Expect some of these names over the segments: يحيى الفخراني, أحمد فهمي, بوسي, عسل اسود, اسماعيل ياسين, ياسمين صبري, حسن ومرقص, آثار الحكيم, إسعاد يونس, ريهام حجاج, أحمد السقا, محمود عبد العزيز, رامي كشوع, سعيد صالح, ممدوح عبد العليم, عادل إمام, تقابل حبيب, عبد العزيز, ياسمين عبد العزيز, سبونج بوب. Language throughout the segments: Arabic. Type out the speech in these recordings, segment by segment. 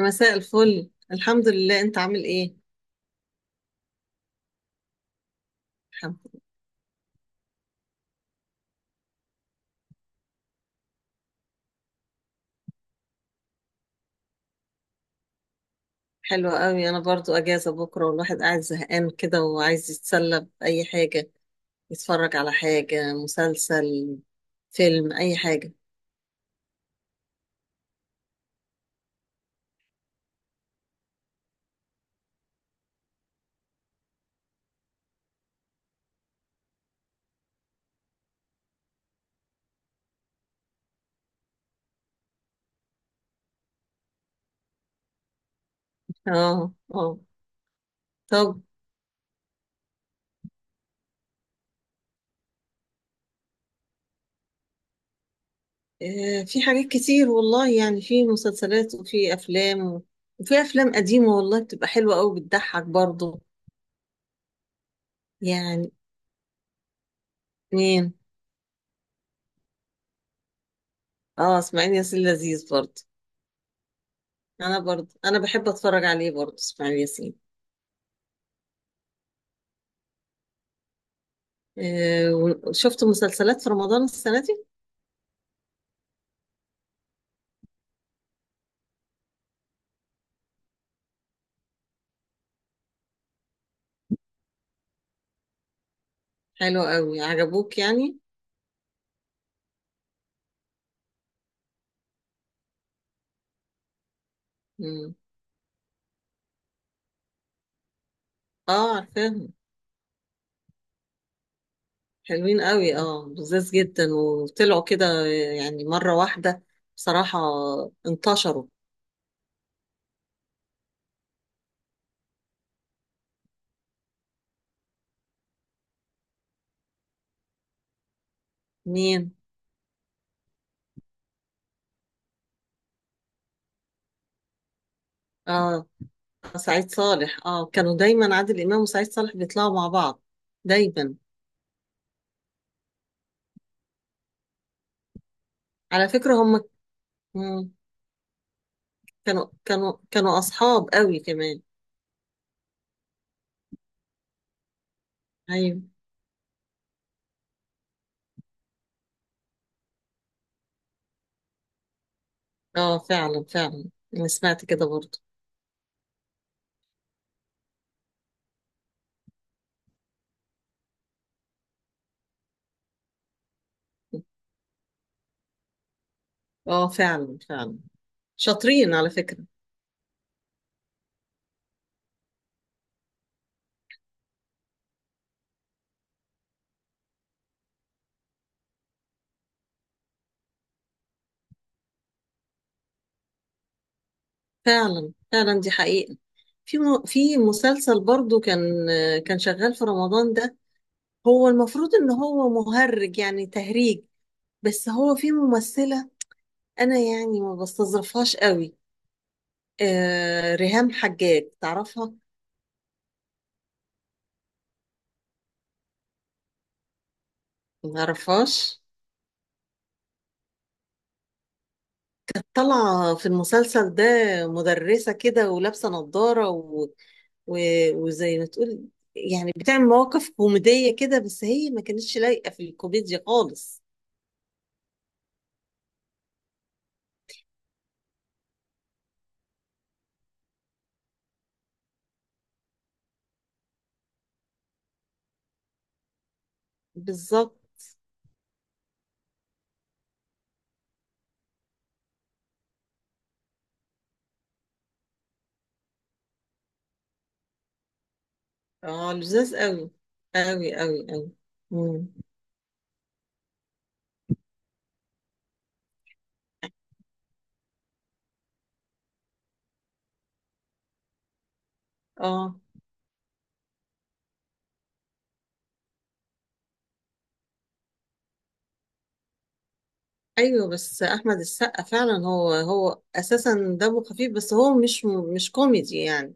مساء الفل، الحمد لله. انت عامل ايه؟ الحمد لله. حلوة قوي. انا برضو اجازة بكرة، والواحد قاعد زهقان كده وعايز يتسلى بأي حاجة، يتفرج على حاجة، مسلسل، فيلم، اي حاجة. اه، اه. طب، في حاجات كتير والله، يعني في مسلسلات وفي افلام وفي افلام قديمة والله بتبقى حلوة قوي، بتضحك برضو. يعني مين؟ اه، اسماعيل ياسين لذيذ برضو. انا برضو بحب اتفرج عليه برضو، اسماعيل ياسين. آه، وشفت مسلسلات في رمضان السنة دي. حلوة قوي، عجبوك يعني؟ مم. اه، عارفاهم. حلوين قوي، اه لذاذ جدا، وطلعوا كده يعني مرة واحدة، بصراحة، انتشروا. مين؟ اه، سعيد صالح. اه، كانوا دايما عادل إمام وسعيد صالح بيطلعوا مع بعض دايما. على فكرة هم. مم. كانوا أصحاب قوي كمان. أيوة. اه، فعلا فعلا، أنا سمعت كده برضه. اه، فعلا فعلا، شاطرين على فكرة. فعلا فعلا، دي حقيقة. في مسلسل برضو كان شغال في رمضان ده. هو المفروض ان هو مهرج، يعني تهريج، بس هو في ممثلة، انا يعني ما بستظرفهاش قوي. ريهام حجاج، تعرفها؟ ما تعرفهاش؟ طالعة في المسلسل ده، مدرسة كده ولابسة نظارة و... وزي ما تقول يعني بتعمل مواقف كوميدية كده، بس هي ما كانتش لايقة في الكوميديا خالص. بالظبط. اه لذيذ قوي، قوي قوي قوي. امم. اه ايوه، بس احمد السقا فعلا هو اساسا دمه خفيف، بس هو مش كوميدي يعني.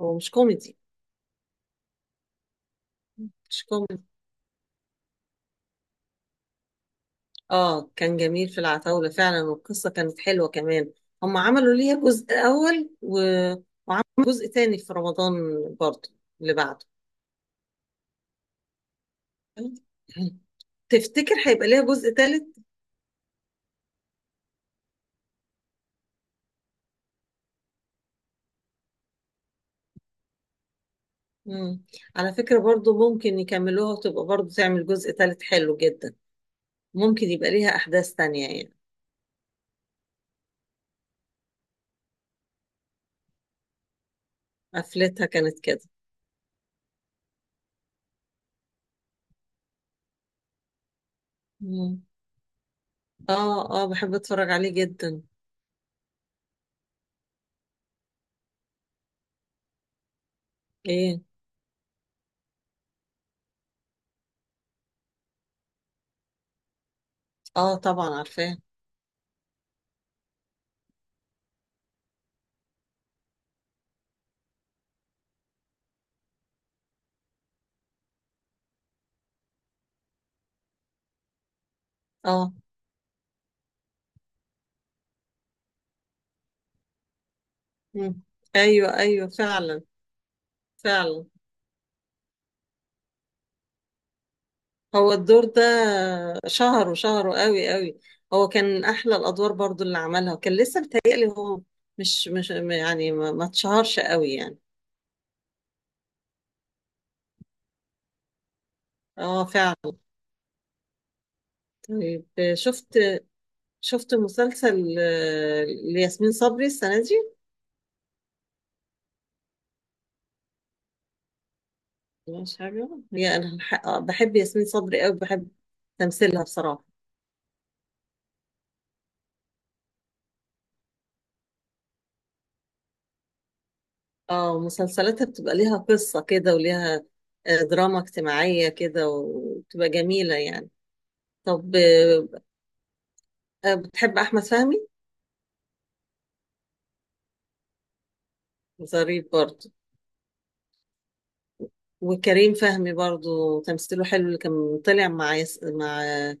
هو مش كوميدي، مش كوميدي. اه، كان جميل في العتاولة فعلا، والقصة كانت حلوة كمان. هم عملوا ليها جزء اول وجزء تاني في رمضان برضه، اللي بعده. تفتكر هيبقى ليها جزء تالت؟ مم. على فكرة برضه ممكن يكملوها وتبقى برضه تعمل جزء تالت حلو جدا، ممكن يبقى ليها أحداث تانية يعني. قفلتها كانت كده. مم. اه، اه، بحب اتفرج عليه جدا. ايه؟ اه طبعا عارفاه. اه. مم. ايوه، ايوه، فعلا فعلا. هو الدور ده شهره شهره قوي قوي. هو كان من احلى الادوار برضو اللي عملها. كان لسه بيتهيألي هو مش يعني ما اتشهرش قوي يعني. اه فعلا. طيب، شفت شفت مسلسل لياسمين صبري السنة دي؟ مش حاجة. هي أنا بحب ياسمين صبري أوي، بحب تمثيلها بصراحة. اه، مسلسلاتها بتبقى ليها قصة كده وليها دراما اجتماعية كده، وبتبقى جميلة يعني. طب، بتحب أحمد فهمي؟ ظريف برضه. وكريم فهمي برضه تمثيله حلو، اللي كان طلع مع مع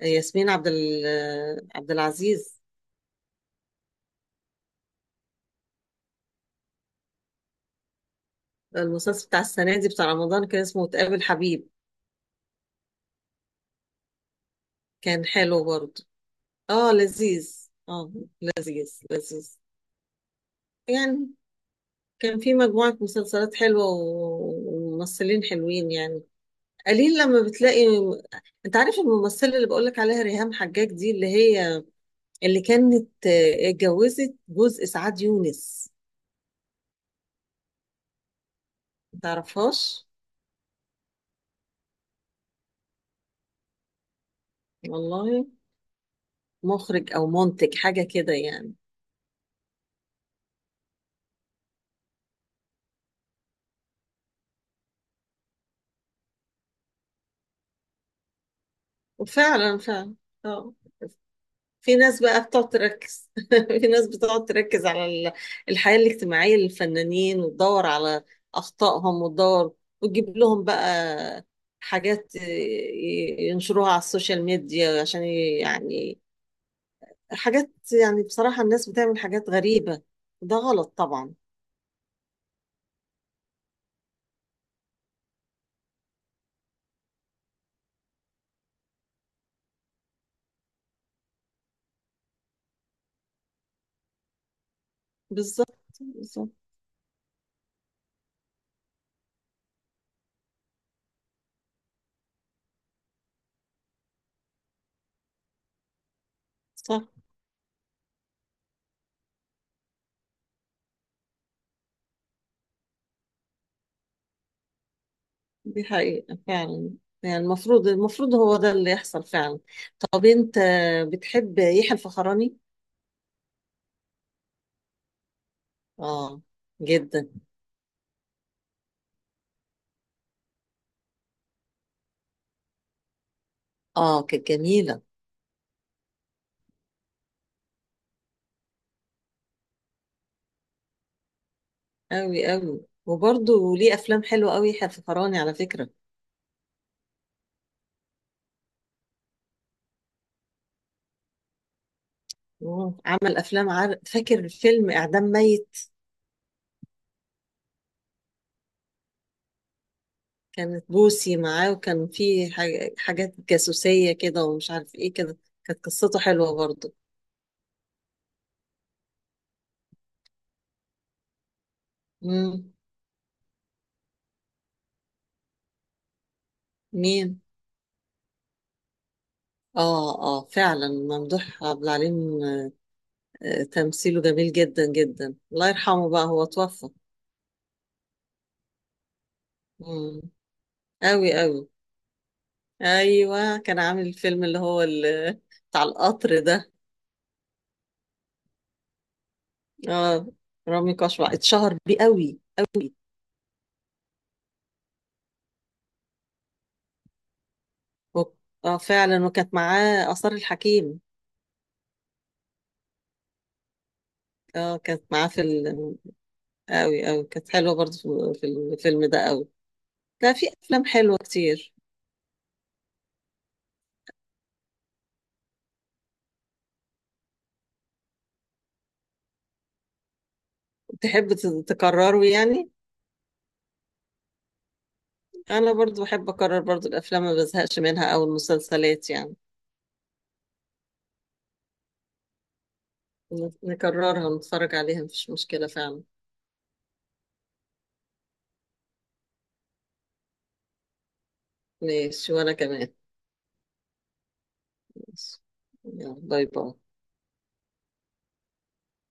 ياسمين عبد ال... آه، عبد العزيز. المسلسل بتاع السنة دي بتاع رمضان كان اسمه تقابل حبيب. كان حلو برضه. اه لذيذ. اه لذيذ لذيذ. يعني كان في مجموعة مسلسلات حلوة وممثلين حلوين يعني. قليل لما بتلاقي. انت عارف الممثلة اللي بقولك عليها ريهام حجاج دي اللي هي كانت اتجوزت جوز إسعاد يونس؟ متعرفهاش؟ والله مخرج أو منتج حاجة كده يعني. وفعلا فعلا. اه، في ناس بقى بتقعد تركز. في ناس بتقعد تركز على الحياة الاجتماعية للفنانين، وتدور على أخطائهم، وتدور وتجيب لهم بقى حاجات ينشروها على السوشيال ميديا عشان يعني حاجات، يعني بصراحة الناس بتعمل حاجات غريبة، ده غلط طبعا. بالظبط، بالظبط. صح. دي حقيقة فعلا. يعني المفروض هو ده اللي يحصل فعلا. طب، انت بتحب يحيى الفخراني؟ اه، جدا. اه كانت جميلة أوي أوي. وبرضه ليه أفلام حلوة أوي في فراني على فكرة. مم. عمل أفلام فاكر فيلم إعدام ميت. كانت بوسي معاه وكان فيه حاجات جاسوسية كده ومش عارف إيه كده. كانت قصته حلوة برضه. مم. مين؟ فعلا، ممدوح عبد العليم. تمثيله جميل جدا جدا، الله يرحمه بقى هو توفى. مم. أوي أوي. أيوة كان عامل الفيلم اللي هو بتاع القطر ده. اه، رامي كشوع اتشهر بيه قوي قوي. و- اه فعلا، وكانت معاه آثار الحكيم. اه كانت معاه في قوي قوي. كانت حلوة برضه في الفيلم ده قوي. لا، في أفلام حلوة كتير. تحب تكرره يعني؟ أنا برضه بحب أكرر برضه الأفلام، ما بزهقش منها أو المسلسلات يعني نكررها ونتفرج عليها مفيش مشكلة فعلا. ماشي، وأنا كمان. ماشي. يلا باي باي